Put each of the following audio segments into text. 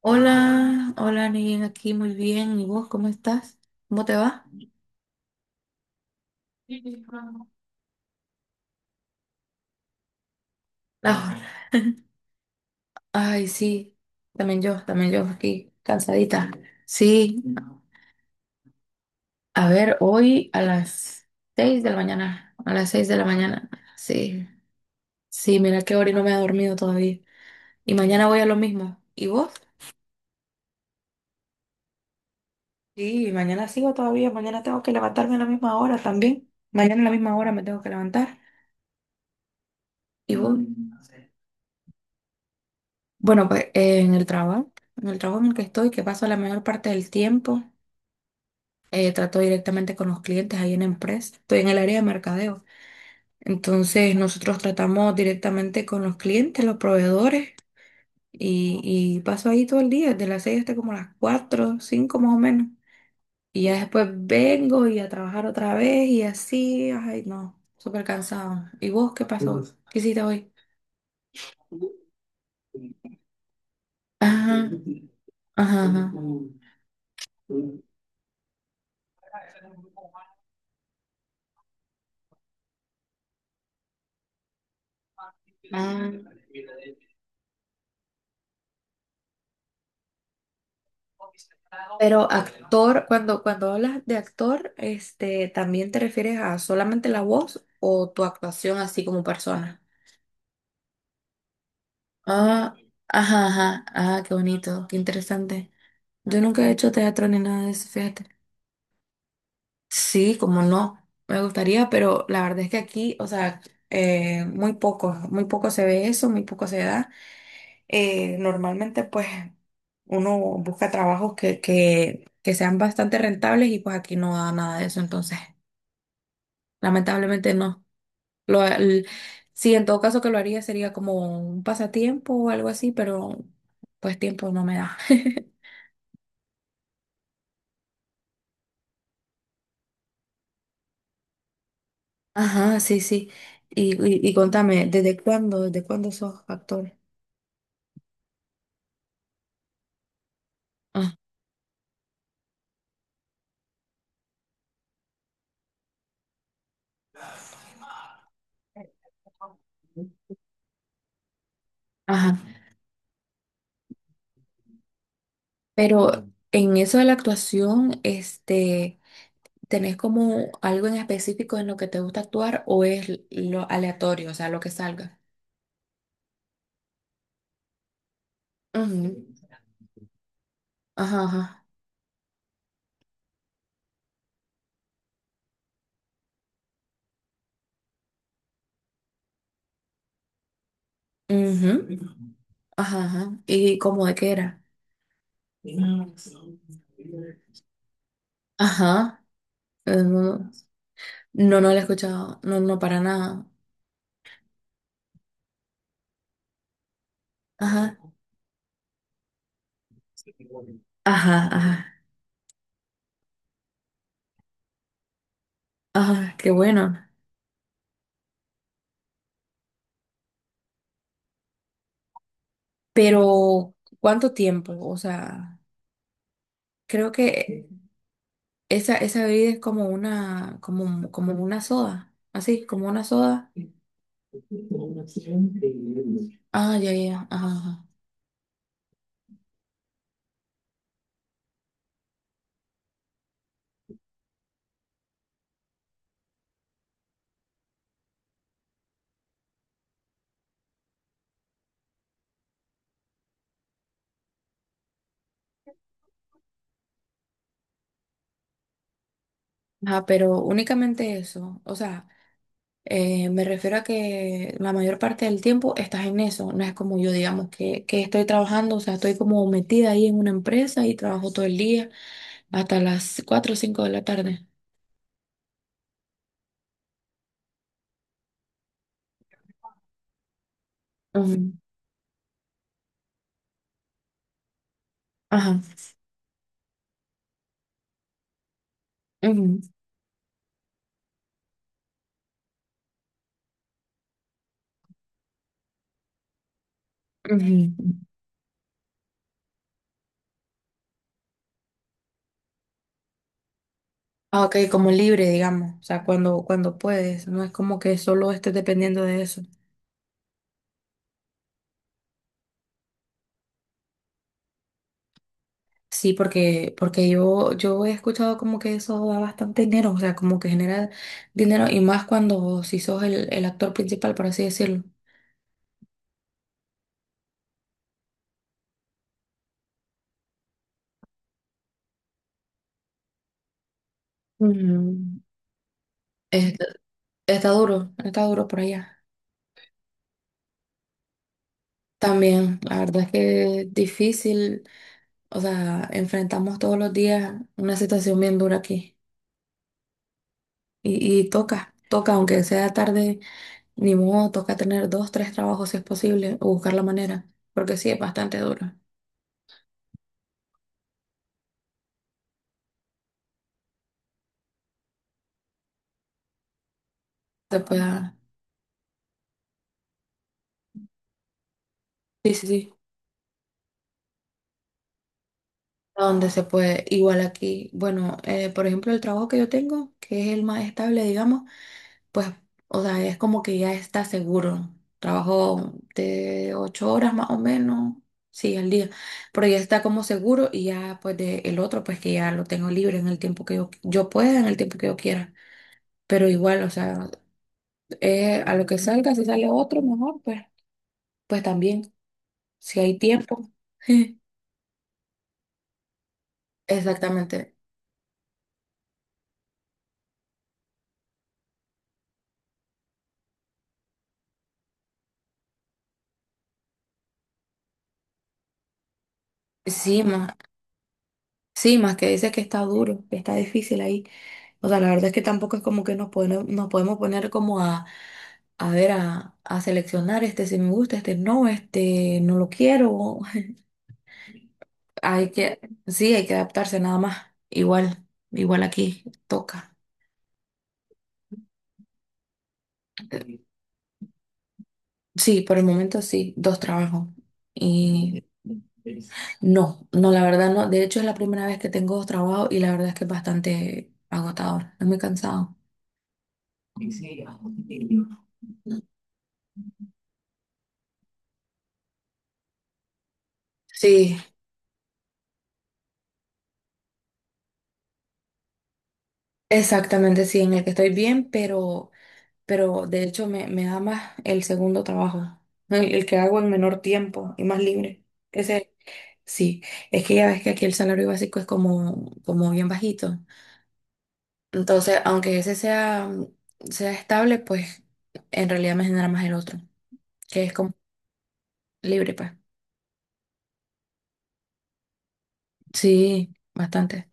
Hola, hola, Nien, aquí muy bien. ¿Y vos cómo estás? ¿Cómo te va? La jornada. Ay, sí, también yo aquí, cansadita. Sí, a ver, hoy a las seis de la mañana, a las seis de la mañana. Sí, sí, mira qué hora y no me ha dormido todavía. Y mañana voy a lo mismo. ¿Y vos? Sí, mañana sigo todavía, mañana tengo que levantarme a la misma hora también. Mañana a la misma hora me tengo que levantar. ¿Y vos? Bueno, pues en el trabajo, en el trabajo en el que estoy, que paso la mayor parte del tiempo, trato directamente con los clientes ahí en la empresa. Estoy en el área de mercadeo. Entonces, nosotros tratamos directamente con los clientes, los proveedores, y paso ahí todo el día, desde las 6 hasta como las 4 5 más o menos. Y ya después vengo y a trabajar otra vez y así, ay, no, súper cansado. ¿Y vos qué pasó? ¿Qué hiciste hoy? Ajá, ajá, ajá. Ah. Pero actor, cuando, cuando hablas de actor, este, ¿también te refieres a solamente la voz o tu actuación así como persona? Ah, ajá, ajá, ah, qué bonito, qué interesante. Yo nunca he hecho teatro ni nada de eso, fíjate. Sí, como no, me gustaría, pero la verdad es que aquí, o sea, muy poco se ve eso, muy poco se da. Normalmente pues uno busca trabajos que, que sean bastante rentables y pues aquí no da nada de eso, entonces lamentablemente no. Lo, el- sí, en todo caso que lo haría sería como un pasatiempo o algo así, pero pues tiempo no me da. Ajá, sí, sí. Y contame, desde cuándo sos actor? Ah, ajá. Pero en eso de la actuación, este... ¿Tenés como algo en específico en lo que te gusta actuar o es lo aleatorio, o sea, lo que salga? Ujú. Ajá, ajá. Ujú. Ajá, ajá. ¿Y cómo de qué era? Ajá. No, no, no lo he escuchado. No, no, para nada. Ajá. Ajá, ajá. Ajá, qué bueno. Pero, ¿cuánto tiempo? O sea, creo que esa bebida es como una, como, como una soda. Así, como una soda. Ah, ya, ya. Ajá, ajá. Ajá, pero únicamente eso. O sea, me refiero a que la mayor parte del tiempo estás en eso. No es como yo, digamos, que estoy trabajando, o sea, estoy como metida ahí en una empresa y trabajo todo el día hasta las 4 o 5 de la tarde. Ujú, ajá. Ujú, ujú. Ah, ok, como libre, digamos. O sea, cuando, cuando puedes. No es como que solo estés dependiendo de eso. Sí, porque, porque yo he escuchado como que eso da bastante dinero, o sea, como que genera dinero y más cuando si sos el actor principal, por así decirlo. Mm, está, está duro por allá. También, la verdad es que es difícil, o sea, enfrentamos todos los días una situación bien dura aquí. Y toca, toca, aunque sea tarde, ni modo, toca tener dos, tres trabajos si es posible, o buscar la manera, porque sí, es bastante duro. Se pueda, sí, sí, sí. A donde se puede. Igual aquí, bueno, por ejemplo, el trabajo que yo tengo, que es el más estable, digamos, pues, o sea, es como que ya está seguro. Trabajo de ocho horas más o menos, sí, al día, pero ya está como seguro y ya pues de el otro, pues que ya lo tengo libre en el tiempo que yo pueda, en el tiempo que yo quiera. Pero igual, o sea, a lo que salga, si sale otro mejor, pues, pues también, si hay tiempo. Exactamente. Sí, sí, más que dice que está duro, que está difícil ahí. O sea, la verdad es que tampoco es como que nos podemos poner como a ver, a seleccionar este si me gusta, este no lo quiero. Hay que, sí, hay que adaptarse nada más. Igual, igual aquí toca. Eh, Sí, por el momento sí, dos trabajos. Y no, no, la verdad no. De hecho, es la primera vez que tengo dos trabajos y la verdad es que es bastante agotador. Es muy cansado. Sí, exactamente, sí, en el que estoy bien, pero de hecho me, me da más el segundo trabajo, el que hago en menor tiempo y más libre. Ese, sí, es que ya ves que aquí el salario básico es como, como bien bajito. Entonces, aunque ese sea, sea estable, pues en realidad me genera más el otro, que es como libre, pues. Sí, bastante.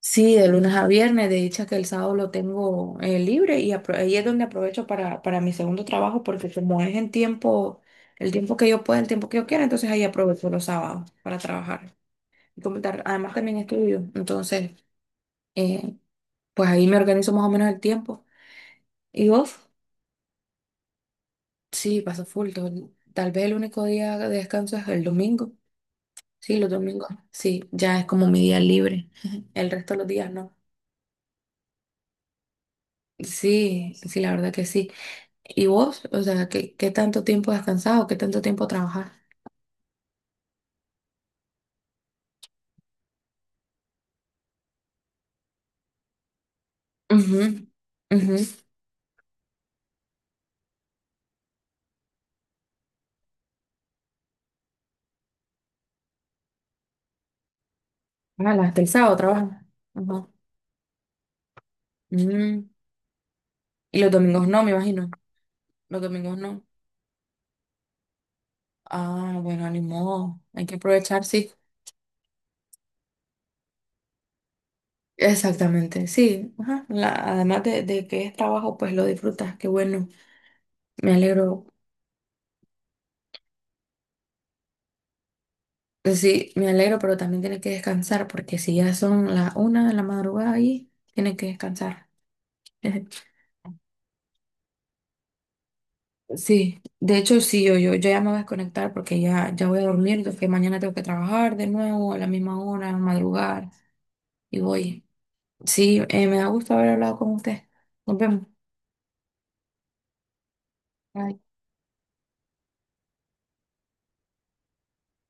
Sí, de lunes a viernes, de dicha que el sábado lo tengo libre y ahí es donde aprovecho para mi segundo trabajo porque como es en tiempo, el tiempo que yo pueda, el tiempo que yo quiera, entonces ahí aprovecho los sábados para trabajar. Y como además también estudio, entonces eh, pues ahí me organizo más o menos el tiempo. Y vos, sí, paso full, tal vez el único día de descanso es el domingo. Sí, los domingos, sí, ya es como mi día libre, el resto de los días no. Sí, sí, la verdad que sí. ¿Y vos? O sea, ¿qué, qué tanto tiempo has descansado? ¿Qué tanto tiempo trabajas? Ujú, ujú. Ah, hasta el sábado trabajas. Ajá. Mm, y los domingos no, me imagino. Los domingos no. Ah, bueno, ni modo. Hay que aprovechar, sí. Exactamente, sí. Ajá. Además de que es trabajo, pues lo disfrutas. Qué bueno. Me alegro. Pues sí, me alegro, pero también tienes que descansar porque si ya son las una de la madrugada ahí, tienes que descansar. Sí, de hecho sí, yo ya me voy a desconectar porque ya, ya voy a dormir, que mañana tengo que trabajar de nuevo a la misma hora, madrugar y voy. Sí, me da gusto haber hablado con usted. Nos vemos. Bye.